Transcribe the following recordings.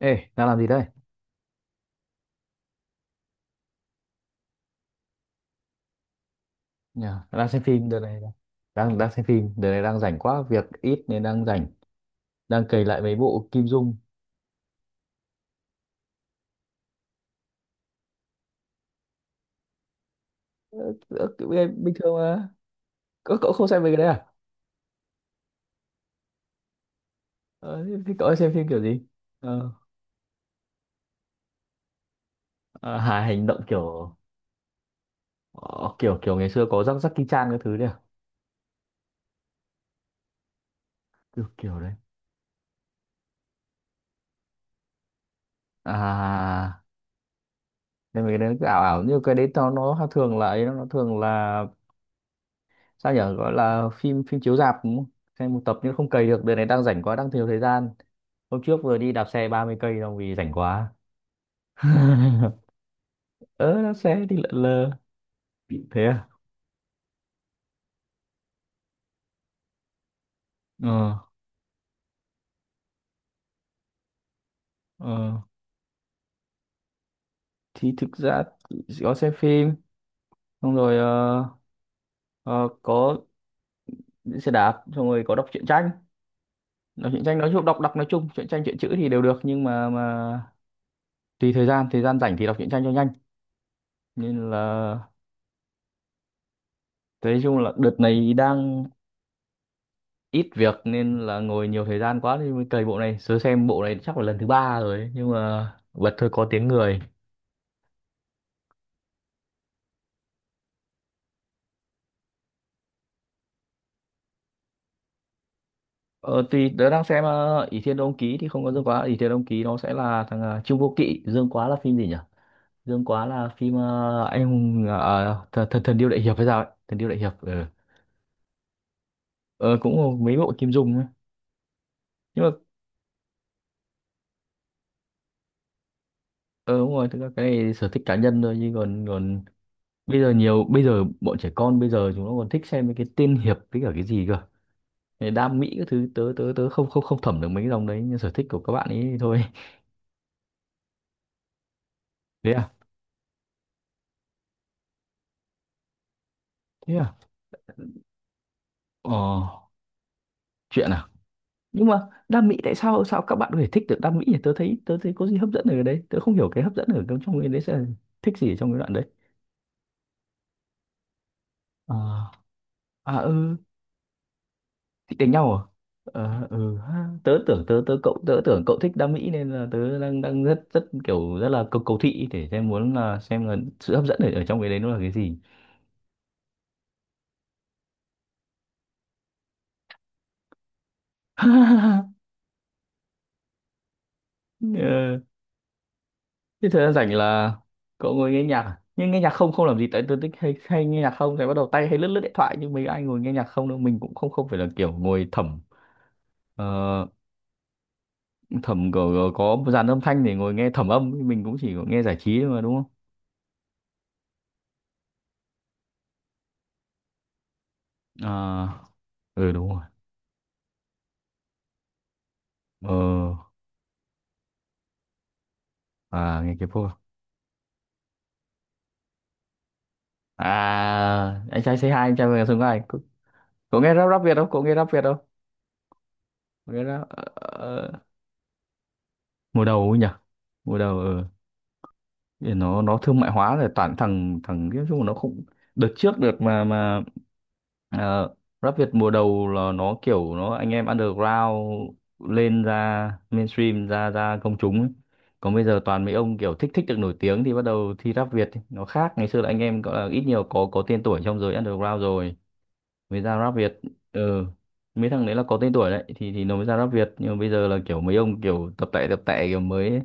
Ê, đang làm gì đây? Nhà đang xem phim đợt này. Đang đang xem phim, đợt này đang rảnh quá, việc ít nên đang rảnh, đang cày lại mấy bộ Kim Dung. Ơ, bình thường mà. Cậu không xem mấy cái đấy à? Ờ, thế thế cậu hay xem phim kiểu gì? Ờ, À, hài hành động kiểu ờ, kiểu kiểu ngày xưa có rắc rắc Jackie Chan cái thứ đấy à? Kiểu kiểu đấy. À, nên mấy cái đấy nó cứ ảo ảo như cái đấy nó thường là ấy, nó thường là sao nhở, gọi là phim phim chiếu rạp đúng không? Xem một tập nhưng không cày được, đợt này đang rảnh quá, đang thiếu thời gian. Hôm trước vừa đi đạp xe 30 cây đâu vì rảnh quá. Ờ, đạp xe đi lượn lờ. Thế à? Ờ, ờ. Thì thực ra có xem phim, xong rồi ờ, có đi xe đạp, xong rồi có đọc truyện tranh. Đọc truyện tranh nói chung, đọc đọc nói chung, truyện tranh truyện chữ thì đều được, nhưng mà tùy thời gian rảnh thì đọc truyện tranh cho nhanh. Nên là nói chung là đợt này đang ít việc nên là ngồi nhiều thời gian quá thì mới cày bộ này. Sớ xem bộ này chắc là lần thứ ba rồi ấy, nhưng mà bật thôi có tiếng người. Ờ, thì tớ đang xem Ỷ Thiên Đông Ký thì không có Dương Quá. Ỷ Thiên Đông Ký nó sẽ là thằng Trương Vô Kỵ. Dương Quá là phim gì nhỉ? Dương Quá là phim anh hùng thần, thần thần điêu đại hiệp hay sao ấy? Thần điêu đại hiệp. Ờ. Ờ, cũng có mấy bộ Kim Dung ấy. Nhưng mà ờ đúng rồi, thực ra cái này sở thích cá nhân thôi, nhưng còn còn bây giờ nhiều, bây giờ bọn trẻ con bây giờ chúng nó còn thích xem mấy cái tiên hiệp với cả cái gì cơ. Cái đam mỹ các thứ tớ tớ tớ không không không thẩm được mấy cái dòng đấy, nhưng sở thích của các bạn ấy thì thôi. Thế à? Thế à? Ờ, chuyện à? Nhưng mà đam mỹ, tại sao sao các bạn có thể thích được đam mỹ nhỉ? Tớ thấy có gì hấp dẫn ở đấy, tớ không hiểu cái hấp dẫn ở trong trong cái đấy sẽ là thích gì ở trong cái đoạn đấy. À. À, ừ, thích đánh nhau à? Ờ, ừ ha. Tớ tưởng cậu thích đam mỹ nên là tớ đang đang rất rất kiểu rất là cầu cầu thị để xem, muốn là xem là sự hấp dẫn ở trong cái đấy nó là cái gì. Ờ. Thế thời gian rảnh là cậu ngồi nghe nhạc à? Nhưng nghe nhạc không, không làm gì, tại tôi thích hay nghe nhạc không thì bắt đầu tay hay lướt lướt điện thoại, nhưng mấy ai ngồi nghe nhạc không đâu, mình cũng không không phải là kiểu ngồi ờ, thẩm có một dàn âm thanh để ngồi nghe thẩm âm, mình cũng chỉ có nghe giải trí thôi mà đúng không? Ờ ừ đúng rồi. Ờ. À, nghe cái phô. À anh trai vượt ngàn chông gai. Cậu nghe rap rap Việt không? Cậu nghe rap Việt không? Cậu nghe rap mùa đầu ấy nhỉ? Mùa đầu ờ. Thì nó thương mại hóa rồi, toàn thằng thằng nói chung là nó không. Đợt trước được, mà ờ, rap Việt mùa đầu là nó kiểu nó anh em underground lên ra mainstream, ra ra công chúng ấy. Còn bây giờ toàn mấy ông kiểu thích thích được nổi tiếng thì bắt đầu thi rap Việt ấy. Nó khác ngày xưa là anh em gọi là ít nhiều có tên tuổi trong giới underground rồi mới ra rap Việt. ừ Mấy thằng đấy là có tên tuổi đấy thì nó mới ra rap Việt, nhưng mà bây giờ là kiểu mấy ông kiểu tập tẻ kiểu mới ấy.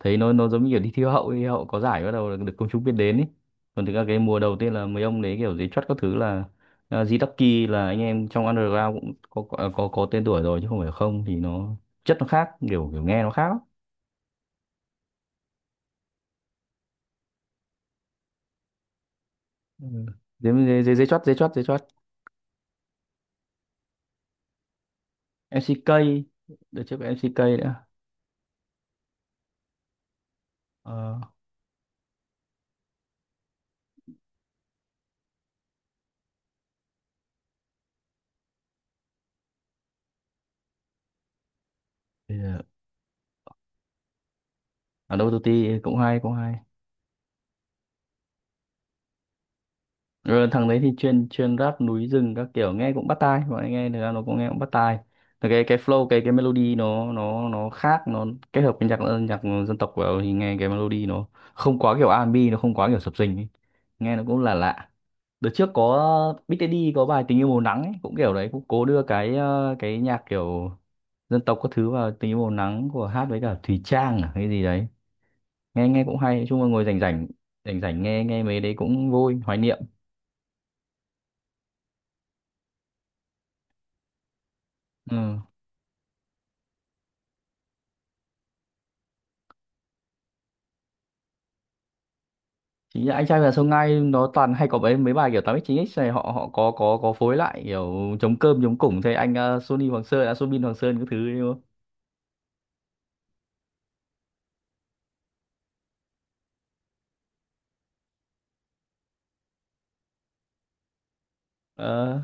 Thấy nó giống như kiểu đi thi Hoa hậu ấy. Hoa hậu có giải bắt đầu là được công chúng biết đến ấy, còn thực ra cái mùa đầu tiên là mấy ông đấy kiểu giấy chót các thứ là à, G-Ducky là anh em trong underground cũng có tên tuổi rồi, chứ không phải, không thì nó chất nó khác, kiểu kiểu nghe nó khác lắm. Ừ. giấy giấy giấy giấy chót giấy chót giấy chót MCK. Đợt trước có MCK nữa. Ờ, bây giờ ở đâu cũng hay, cũng hay. Rồi thằng đấy thì chuyên chuyên rap núi rừng các kiểu, nghe cũng bắt tai, bọn anh nghe thực ra nó cũng nghe cũng bắt tai. Thì cái flow cái melody nó khác, nó kết hợp với nhạc dân tộc vào thì nghe cái melody nó không quá kiểu R&B, nó không quá kiểu sập sình ấy. Nghe nó cũng là lạ lạ. Đợt trước có Big Daddy có bài tình yêu màu nắng ấy, cũng kiểu đấy, cũng cố đưa cái nhạc kiểu dân tộc các thứ vào, tình yêu màu nắng của hát với cả Thùy Trang à, hay gì đấy. Nghe nghe cũng hay, nói chung là ngồi rảnh rảnh rảnh rảnh nghe nghe mấy đấy cũng vui hoài niệm. Ừ. Chính là anh trai và sông Gai, nó toàn hay có mấy mấy bài kiểu 8x9x này, họ họ có phối lại kiểu chống cơm chống củng thế, anh ờ, Sony Hoàng Sơn à, Soobin Hoàng Sơn các thứ ấy đúng không? Ờ,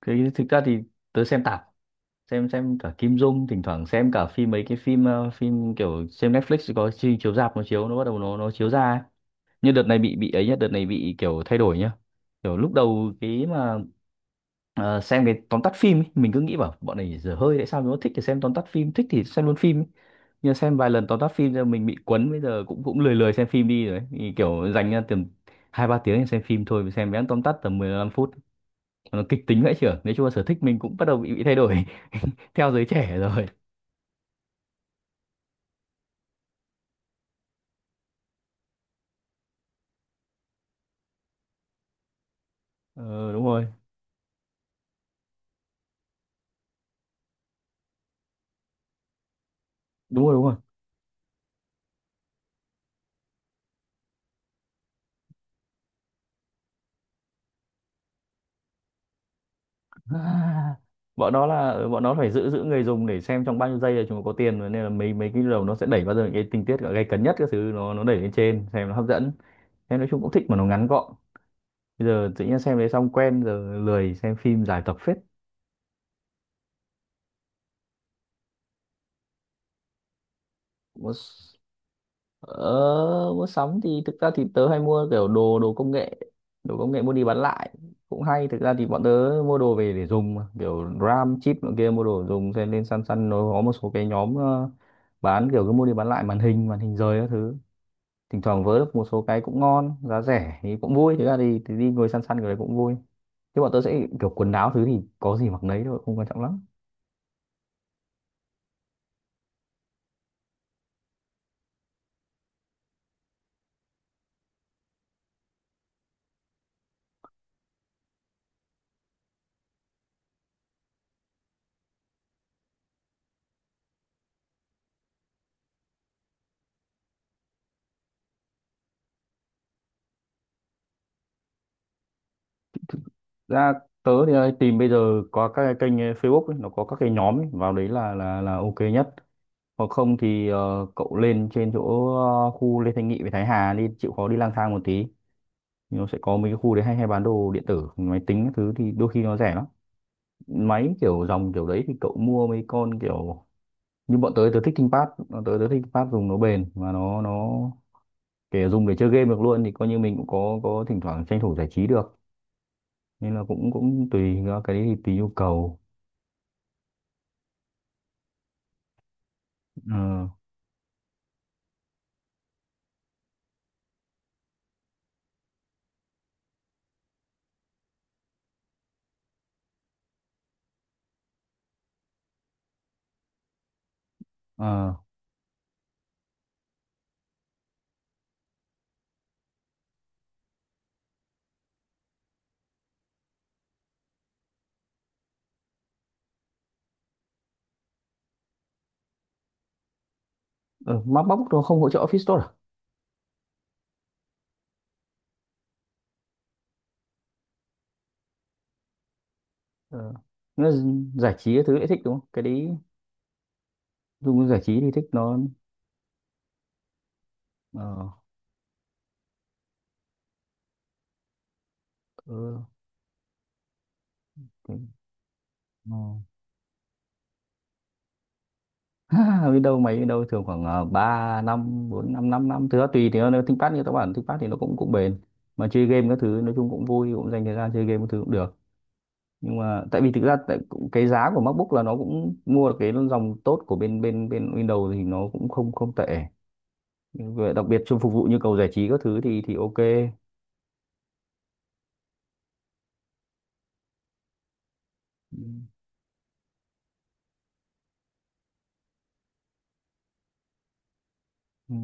cái thực ra thì tớ xem tạp, xem cả Kim Dung, thỉnh thoảng xem cả phim, mấy cái phim kiểu xem Netflix có chiếu rạp, nó chiếu, nó bắt đầu nó chiếu ra ấy. Nhưng đợt này bị ấy nhá, đợt này bị kiểu thay đổi nhá, kiểu lúc đầu cái mà xem cái tóm tắt phim ấy. Mình cứ nghĩ bảo bọn này dở hơi, tại sao nó thích thì xem tóm tắt phim, thích thì xem luôn phim ấy. Nhưng mà xem vài lần tóm tắt phim rồi mình bị quấn, bây giờ cũng cũng lười lười xem phim đi rồi ấy. Thì kiểu dành ra tầm hai ba tiếng để xem phim thôi, mình xem vẽ tóm tắt tầm 15 phút nó kịch tính vậy, chưa nói chung là sở thích mình cũng bắt đầu bị thay đổi. Theo giới trẻ rồi. Ờ, đúng rồi, đúng rồi, đúng rồi. À, bọn nó phải giữ giữ người dùng để xem trong bao nhiêu giây là chúng nó có tiền rồi, nên là mấy mấy cái đầu nó sẽ đẩy bao giờ những cái tình tiết gay cấn nhất các thứ nó đẩy lên trên, xem nó hấp dẫn. Em nói chung cũng thích mà nó ngắn gọn, bây giờ tự nhiên xem đấy xong quen, giờ lười xem phim dài tập phết. Ờ, mua sắm thì thực ra thì tớ hay mua kiểu đồ đồ công nghệ, đồ công nghệ mua đi bán lại cũng hay, thực ra thì bọn tớ mua đồ về để dùng mà. Kiểu RAM chip nọ kia mua đồ dùng, xem lên săn săn, nó có một số cái nhóm bán kiểu cứ mua đi bán lại màn hình, màn hình rời các thứ, thỉnh thoảng vớ được một số cái cũng ngon giá rẻ thì cũng vui, thực ra thì đi ngồi săn săn cái đấy cũng vui. Chứ bọn tớ sẽ kiểu quần áo thứ thì có gì mặc nấy thôi, không quan trọng lắm. Ra tớ thì tìm bây giờ có các cái kênh Facebook ấy, nó có các cái nhóm ấy, vào đấy là ok nhất. Hoặc không thì cậu lên trên chỗ khu Lê Thanh Nghị với Thái Hà đi, chịu khó đi lang thang một tí, nó sẽ có mấy cái khu đấy hay hay bán đồ điện tử máy tính các thứ thì đôi khi nó rẻ lắm. Máy kiểu dòng kiểu đấy thì cậu mua mấy con kiểu như bọn tớ, tớ thích ThinkPad, dùng nó bền và nó kể dùng để chơi game được luôn, thì coi như mình cũng có thỉnh thoảng tranh thủ giải trí được, nên là cũng cũng tùy, cái đấy thì tùy nhu cầu. Ờ ờ. Ờ, MacBook nó không hỗ trợ Office Store à? Ờ. Nó giải trí cái thứ lại thích đúng không? Cái đấy Dung giải trí thì thích nó. ờ ừ, thế, ờ. Biết đâu biết đâu thường khoảng 3 năm 4 5 5 năm thứ đó tùy, thì nó ThinkPad, như các bạn ThinkPad thì nó cũng cũng bền, mà chơi game các thứ nói chung cũng vui, cũng dành thời gian chơi game các thứ cũng được, nhưng mà tại vì thực ra cái giá của MacBook là nó cũng mua được cái dòng tốt của bên bên bên Windows thì nó cũng không không tệ. Và đặc biệt trong phục vụ nhu cầu giải trí các thứ thì ok. Ừ. Ừ.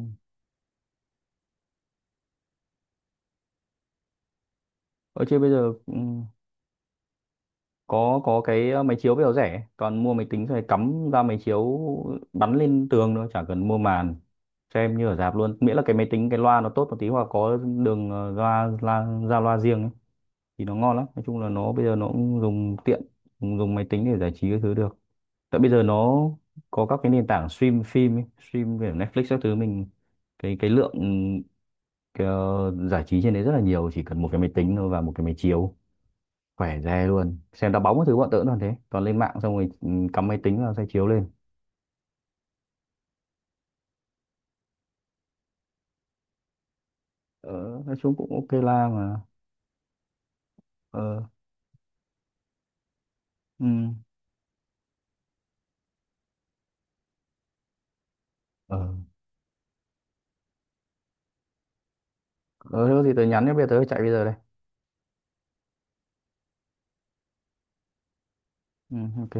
Ở trên bây giờ ừ. Có cái máy chiếu bây giờ rẻ, toàn mua máy tính rồi cắm ra máy chiếu bắn lên tường thôi, chả cần mua màn, xem như ở rạp luôn, miễn là cái máy tính cái loa nó tốt một tí hoặc có đường loa loa ra loa riêng ấy, thì nó ngon lắm. Nói chung là nó bây giờ nó cũng dùng tiện, dùng máy tính để giải trí cái thứ được, tại bây giờ nó có các cái nền tảng stream phim ấy, stream kiểu Netflix các thứ, mình cái lượng cái, giải trí trên đấy rất là nhiều, chỉ cần một cái máy tính thôi và một cái máy chiếu khỏe re luôn, xem đá bóng cái thứ bọn tớ cũng toàn thế, toàn lên mạng xong rồi cắm máy tính vào xoay chiếu lên. ờ, nói chung cũng ok la mà. Ờ. Ừ. Ờ. Ờ. Thế có gì tớ nhắn nhé, bây giờ tớ chạy bây giờ đây. Ừ ok.